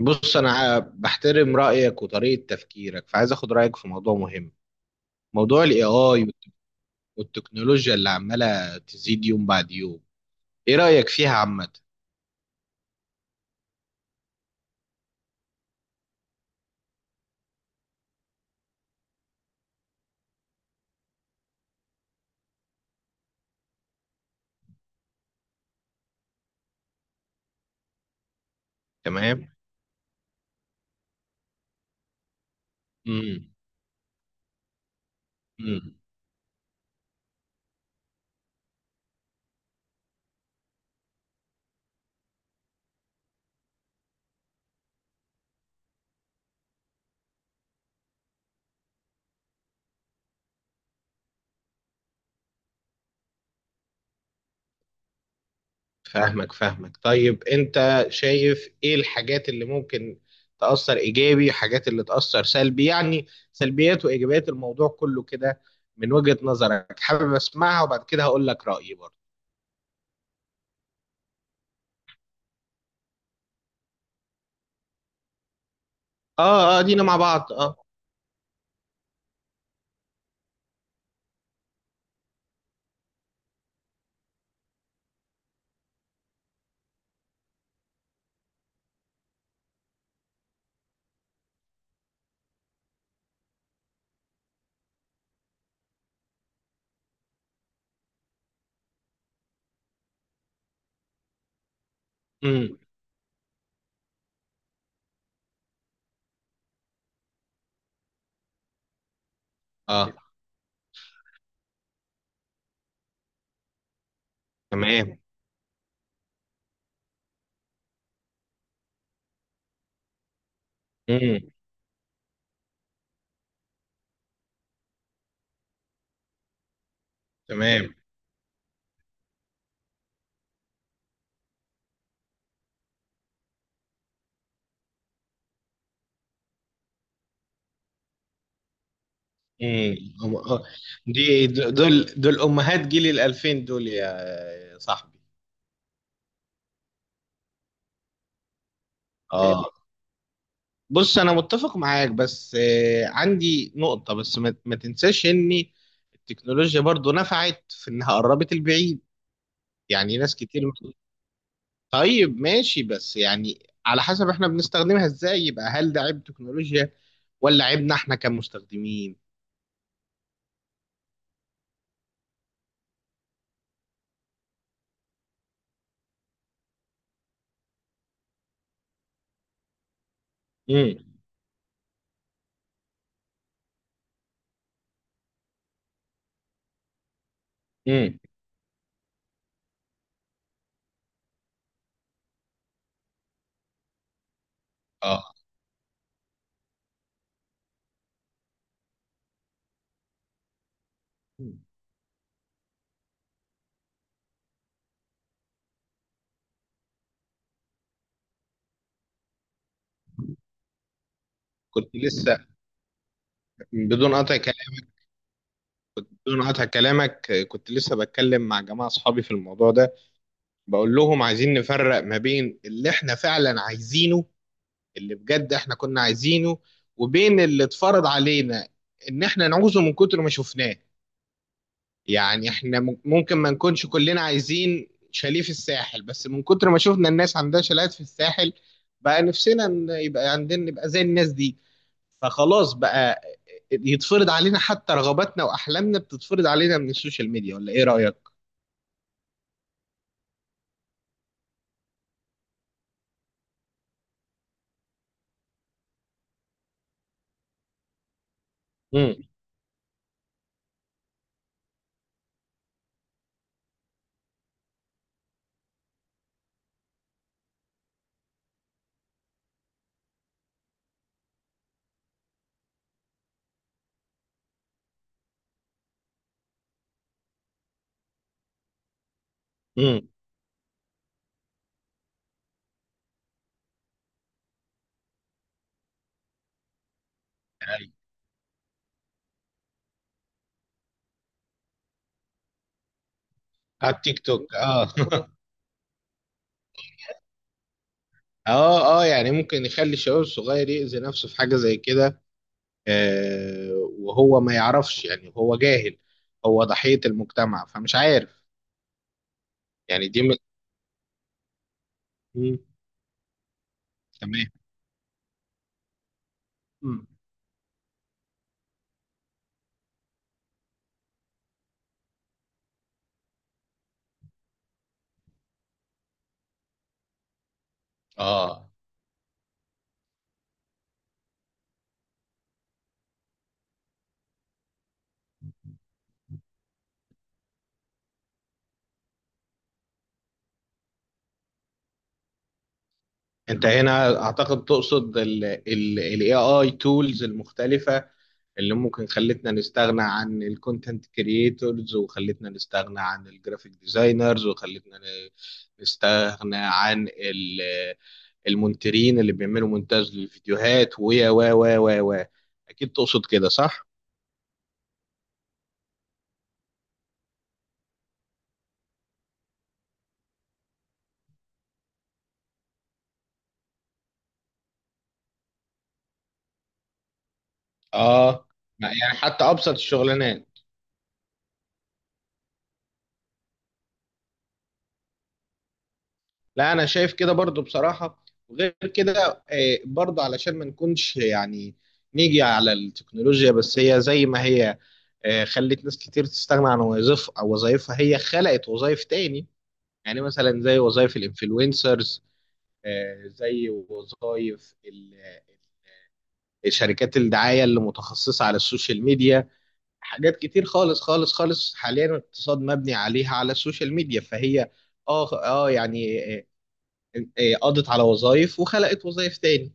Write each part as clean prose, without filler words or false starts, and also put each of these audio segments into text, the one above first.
بص انا بحترم رايك وطريقه تفكيرك فعايز اخد رايك في موضوع مهم. موضوع الاي اي والتكنولوجيا اللي عماله تزيد يوم بعد يوم. ايه رايك فيها عامه؟ تمام. امم امم فاهمك فاهمك. طيب انت شايف ايه الحاجات اللي ممكن تاثر ايجابي، حاجات اللي تاثر سلبي؟ يعني سلبيات وايجابيات الموضوع كله كده من وجهه نظرك، حابب اسمعها وبعد كده هقول لك رايي برضه. اه اه، دينا مع بعض اه. امم اه، تمام. مم. تمام. امم دي دول، دول امهات جيل الالفين دول يا صاحبي. اه، بص انا متفق معاك بس عندي نقطة، بس ما تنساش ان التكنولوجيا برضو نفعت في انها قربت البعيد. يعني ناس كتير بتقول طيب ماشي، بس يعني على حسب احنا بنستخدمها ازاي، يبقى هل ده عيب تكنولوجيا ولا عيبنا احنا كمستخدمين؟ امم امم اه، كنت لسه بدون قطع بدون قطع كلامك. كنت لسه بتكلم مع جماعة أصحابي في الموضوع ده، بقول لهم عايزين نفرق ما بين اللي إحنا فعلا عايزينه، اللي بجد إحنا كنا عايزينه، وبين اللي اتفرض علينا إن إحنا نعوزه من كتر ما شفناه. يعني إحنا ممكن ما نكونش كلنا عايزين شاليه في الساحل، بس من كتر ما شفنا الناس عندها شاليهات في الساحل بقى نفسنا إن يبقى عندنا، نبقى زي الناس دي. فخلاص بقى، يتفرض علينا حتى رغباتنا وأحلامنا بتتفرض علينا من السوشيال ميديا، ولا إيه رأيك؟ امم امم، على التيك توك اه اه اه، يعني ممكن يخلي الشباب الصغير يأذي نفسه في حاجة زي كده. آه، وهو ما يعرفش، يعني هو جاهل، هو ضحية المجتمع فمش عارف. يعني دي من... مم. تمام. مم. اه، انت هنا اعتقد تقصد ال AI tools المختلفة، اللي ممكن خلتنا نستغنى عن الكونتنت كرييتورز، وخلتنا نستغنى عن الجرافيك ديزاينرز، وخلتنا نستغنى عن المونترين اللي بيعملوا مونتاج للفيديوهات، ويا و اكيد تقصد كده صح؟ اه، يعني حتى ابسط الشغلانات. لا انا شايف كده برضو بصراحه. وغير كده برضو علشان ما نكونش يعني نيجي على التكنولوجيا بس هي زي ما هي. خلت ناس كتير تستغنى عن وظائف او وظائفها، هي خلقت وظائف تاني. يعني مثلا زي وظائف الانفلونسرز، زي وظائف شركات الدعايه اللي متخصصه على السوشيال ميديا. حاجات كتير خالص خالص خالص، حاليا الاقتصاد مبني عليها على السوشيال ميديا، فهي اه اه، يعني إيه، قضت على وظائف وخلقت وظائف تاني.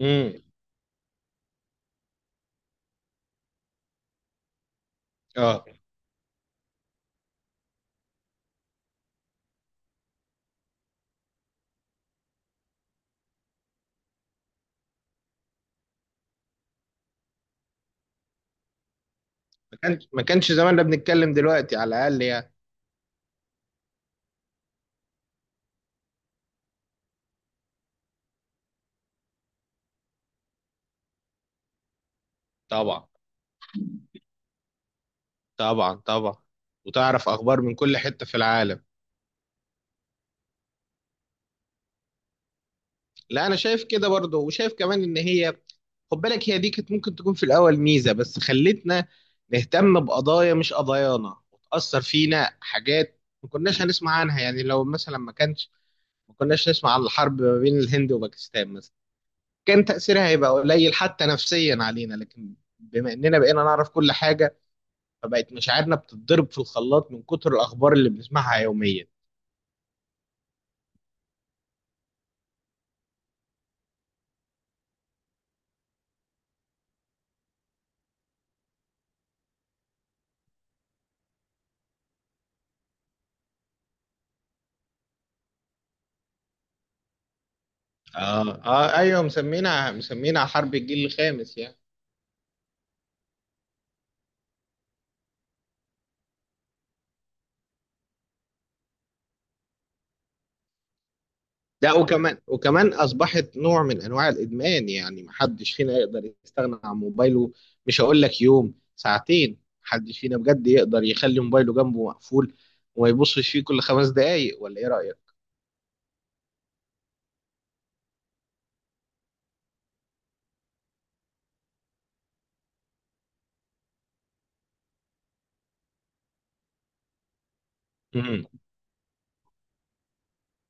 امم اه، ما كانش ما كانش زماننا بنتكلم دلوقتي على الاقل يعني. طبعا طبعا طبعا، وتعرف اخبار من كل حته في العالم. لا انا شايف كده برضه، وشايف كمان ان هي، خد بالك، هي دي كانت ممكن تكون في الاول ميزه، بس خلتنا نهتم بقضايا مش قضايانا، وتاثر فينا حاجات ما كناش هنسمع عنها. يعني لو مثلا ما كانش، ما كناش نسمع عن الحرب ما بين الهند وباكستان مثلا، كان تأثيرها هيبقى قليل حتى نفسيا علينا، لكن بما إننا بقينا نعرف كل حاجة فبقت مشاعرنا بتتضرب في الخلاط من كتر الأخبار اللي بنسمعها يوميا. آه آه أيوه، مسمينا مسمينا حرب الجيل الخامس يعني. ده وكمان وكمان أصبحت نوع من أنواع الإدمان، يعني محدش فينا يقدر يستغنى عن موبايله. مش هقول لك يوم، ساعتين، محدش فينا بجد يقدر يخلي موبايله جنبه مقفول وما يبصش فيه كل خمس دقايق، ولا إيه رأيك؟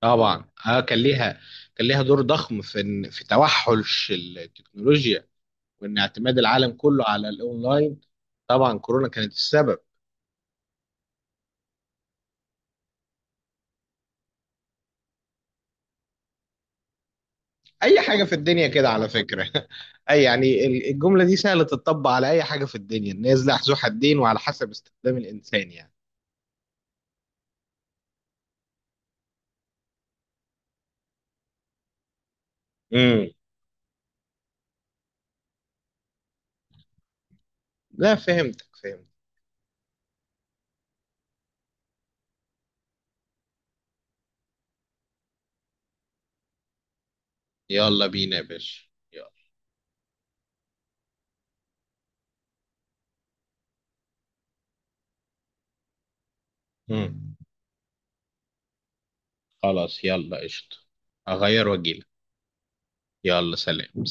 طبعا اه، كان ليها كان ليها دور ضخم في في توحش التكنولوجيا، وان اعتماد العالم كله على الاونلاين. طبعا كورونا كانت السبب. اي حاجه في الدنيا كده على فكره اي يعني الجمله دي سهله تطبق على اي حاجه في الدنيا، الناس لها ذو حدين وعلى حسب استخدام الانسان يعني. امم لا فهمتك فهمت. يلا بينا يا باشا، يلا. امم خلاص يلا قشطه، هغير واجيلك. يلا، سلام.